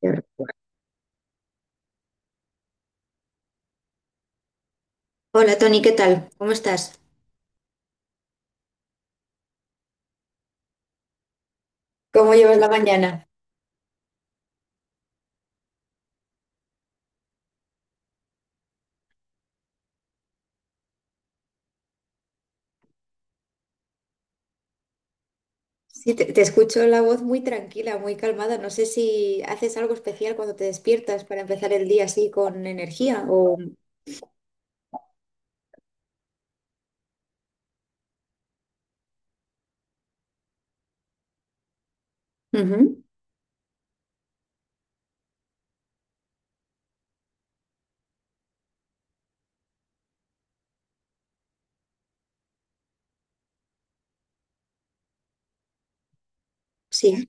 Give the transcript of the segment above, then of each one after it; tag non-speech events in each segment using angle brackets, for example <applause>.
Qué recuerdo. Hola Tony, ¿qué tal? ¿Cómo estás? ¿Cómo llevas la mañana? Sí, te escucho la voz muy tranquila, muy calmada. No sé si haces algo especial cuando te despiertas para empezar el día así con energía o... Ujú. Sí,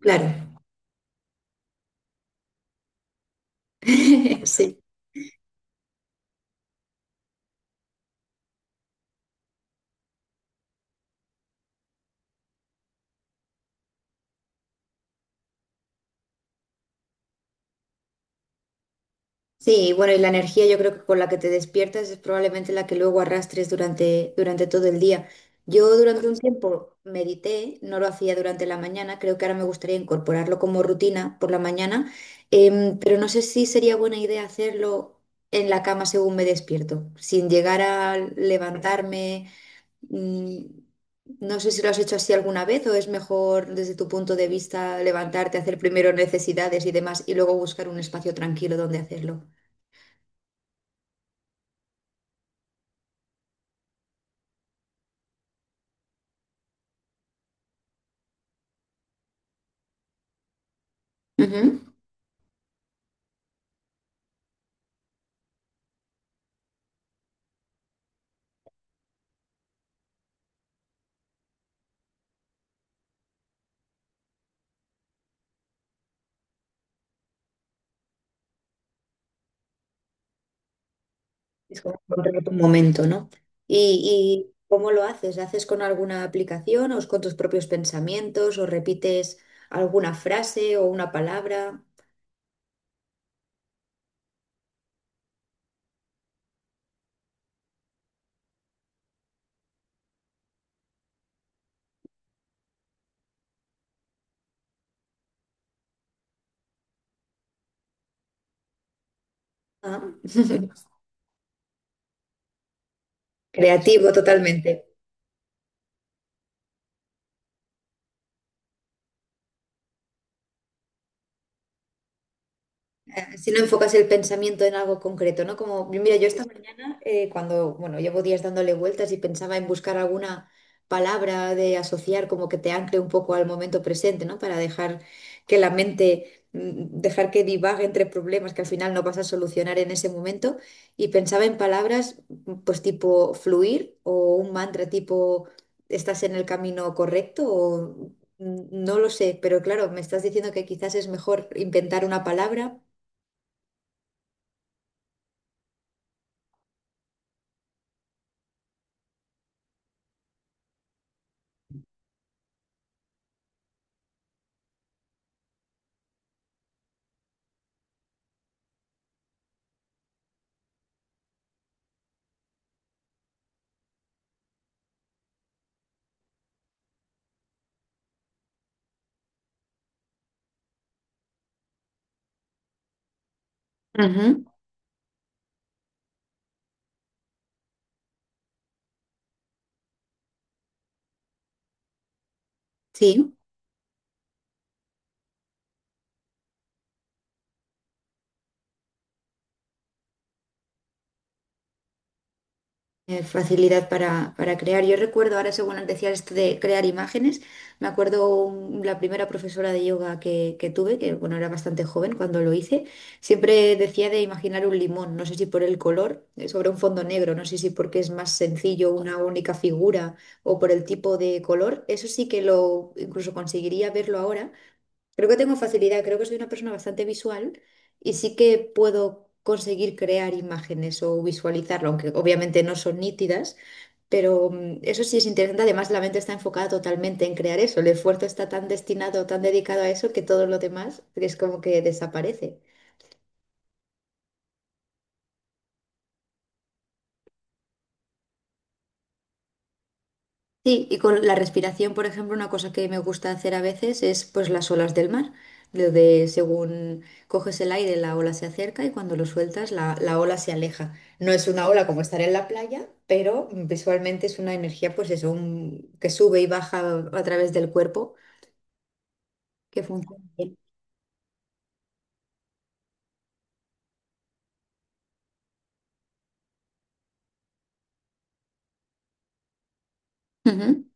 claro. <laughs> Sí. Sí, bueno, y la energía yo creo que con la que te despiertas es probablemente la que luego arrastres durante todo el día. Yo durante un tiempo medité, no lo hacía durante la mañana, creo que ahora me gustaría incorporarlo como rutina por la mañana, pero no sé si sería buena idea hacerlo en la cama según me despierto, sin llegar a levantarme. mm, no sé si lo has hecho así alguna vez o es mejor desde tu punto de vista levantarte, hacer primero necesidades y demás y luego buscar un espacio tranquilo donde hacerlo. Ujú. Es como encontrar tu momento, ¿no? ¿Y cómo lo haces? ¿Haces con alguna aplicación o es con tus propios pensamientos o repites alguna frase o una palabra? Ah. <laughs> Creativo totalmente. Si no enfocas el pensamiento en algo concreto, ¿no? Como, mira, yo esta, sí, mañana, cuando, bueno, llevo días dándole vueltas y pensaba en buscar alguna palabra de asociar como que te ancle un poco al momento presente, ¿no? Para dejar que la mente, dejar que divague entre problemas que al final no vas a solucionar en ese momento. Y pensaba en palabras, pues tipo fluir o un mantra tipo, ¿estás en el camino correcto? O, no lo sé, pero claro, me estás diciendo que quizás es mejor inventar una palabra. Ujú. Sí, facilidad para crear. Yo recuerdo ahora, según antes decías esto de crear imágenes, me acuerdo la primera profesora de yoga que tuve, que bueno, era bastante joven cuando lo hice, siempre decía de imaginar un limón, no sé si por el color, sobre un fondo negro, no sé si porque es más sencillo una única figura o por el tipo de color. Eso sí que lo incluso conseguiría verlo ahora. Creo que tengo facilidad, creo que soy una persona bastante visual y sí que puedo conseguir crear imágenes o visualizarlo, aunque obviamente no son nítidas, pero eso sí es interesante. Además, la mente está enfocada totalmente en crear eso. El esfuerzo está tan destinado, tan dedicado a eso que todo lo demás es como que desaparece. Sí, y con la respiración, por ejemplo, una cosa que me gusta hacer a veces es pues las olas del mar, lo de según coges el aire, la ola se acerca y cuando lo sueltas, la ola se aleja. No es una ola como estar en la playa, pero visualmente es una energía, pues eso, un- que sube y baja a través del cuerpo, que funciona bien. Ujú.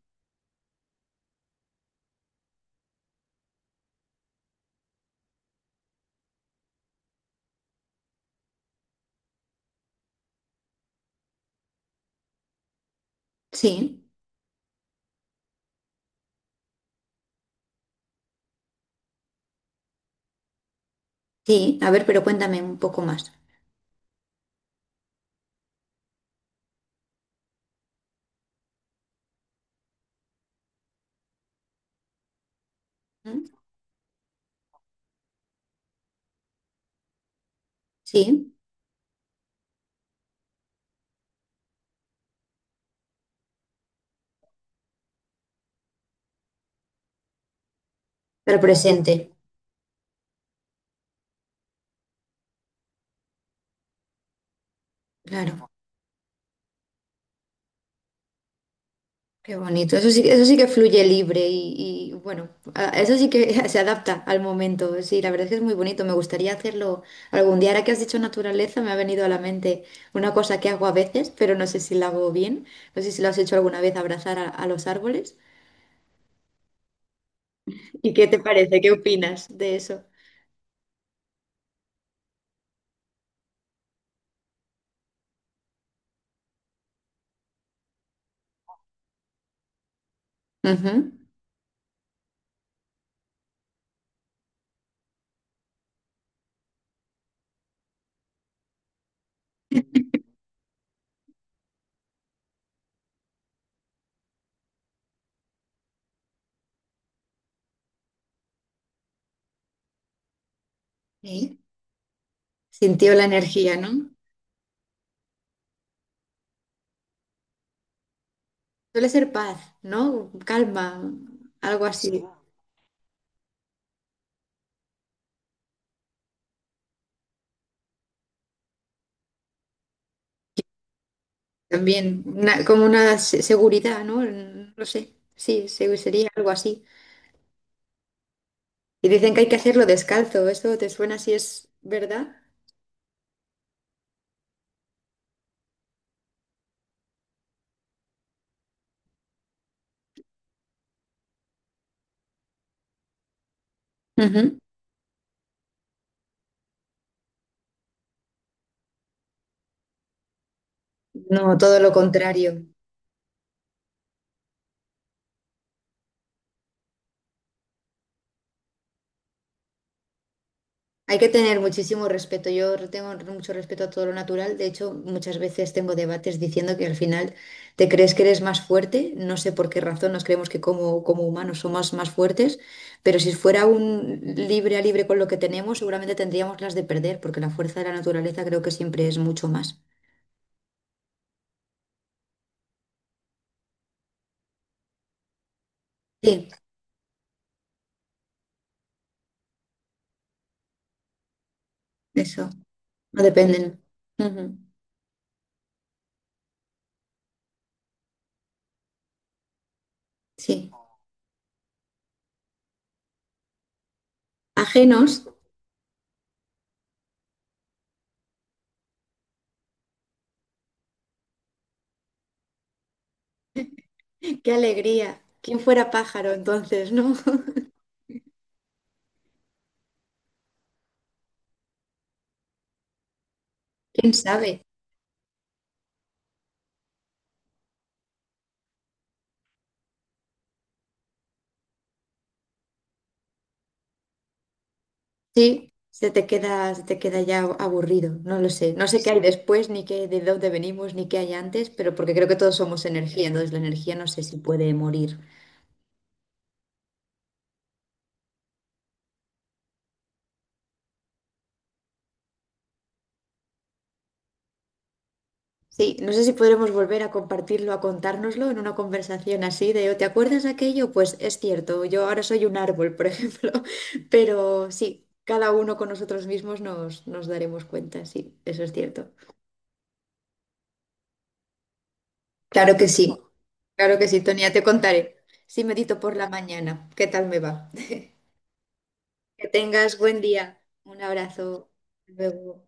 Sí, sí, a ver, pero cuéntame un poco más. Ujú. Sí, pero presente, claro. Qué bonito, eso sí que fluye libre y, bueno, eso sí que <laughs> se adapta al momento. Sí, la verdad es que es muy bonito, me gustaría hacerlo algún día. Ahora que has dicho naturaleza, me ha venido a la mente una cosa que hago a veces, pero no sé si la hago bien. No sé si lo has hecho alguna vez, abrazar a los árboles. <laughs> ¿Y qué te parece? ¿Qué opinas de eso? Ujú. Sí. Sintió la energía, ¿no? Suele ser paz, ¿no? Calma, algo así. También, como seguridad, ¿no? No lo sé. Sí, sería algo así. Y dicen que hay que hacerlo descalzo. ¿Eso te suena si es verdad? Ujú. No, todo lo contrario. Hay que tener muchísimo respeto. Yo tengo mucho respeto a todo lo natural. De hecho, muchas veces tengo debates diciendo que al final te crees que eres más fuerte. No sé por qué razón nos creemos que como, como humanos somos más fuertes, pero si fuera un libre a libre con lo que tenemos, seguramente tendríamos las de perder, porque la fuerza de la naturaleza creo que siempre es mucho más. Sí, eso. No dependen. Ujú. Sí. Ajenos. <laughs> Qué alegría. ¿Quién fuera pájaro entonces, no? <laughs> ¿Quién sabe? Sí, se te queda ya aburrido, no lo sé. No sé qué hay después, ni qué de dónde venimos, ni qué hay antes, pero porque creo que todos somos energía, entonces la energía no sé si puede morir. Sí, no sé si podremos volver a compartirlo, a contárnoslo en una conversación así de, "Oh, ¿te acuerdas de aquello? Pues es cierto, yo ahora soy un árbol, por ejemplo". <laughs> Pero sí, cada uno con nosotros mismos nos, nos daremos cuenta, sí, eso es cierto. Claro que sí, claro que sí, Tonia, te contaré. Sí, medito por la mañana, ¿qué tal me va? <laughs> Que tengas buen día. Un abrazo. Hasta luego.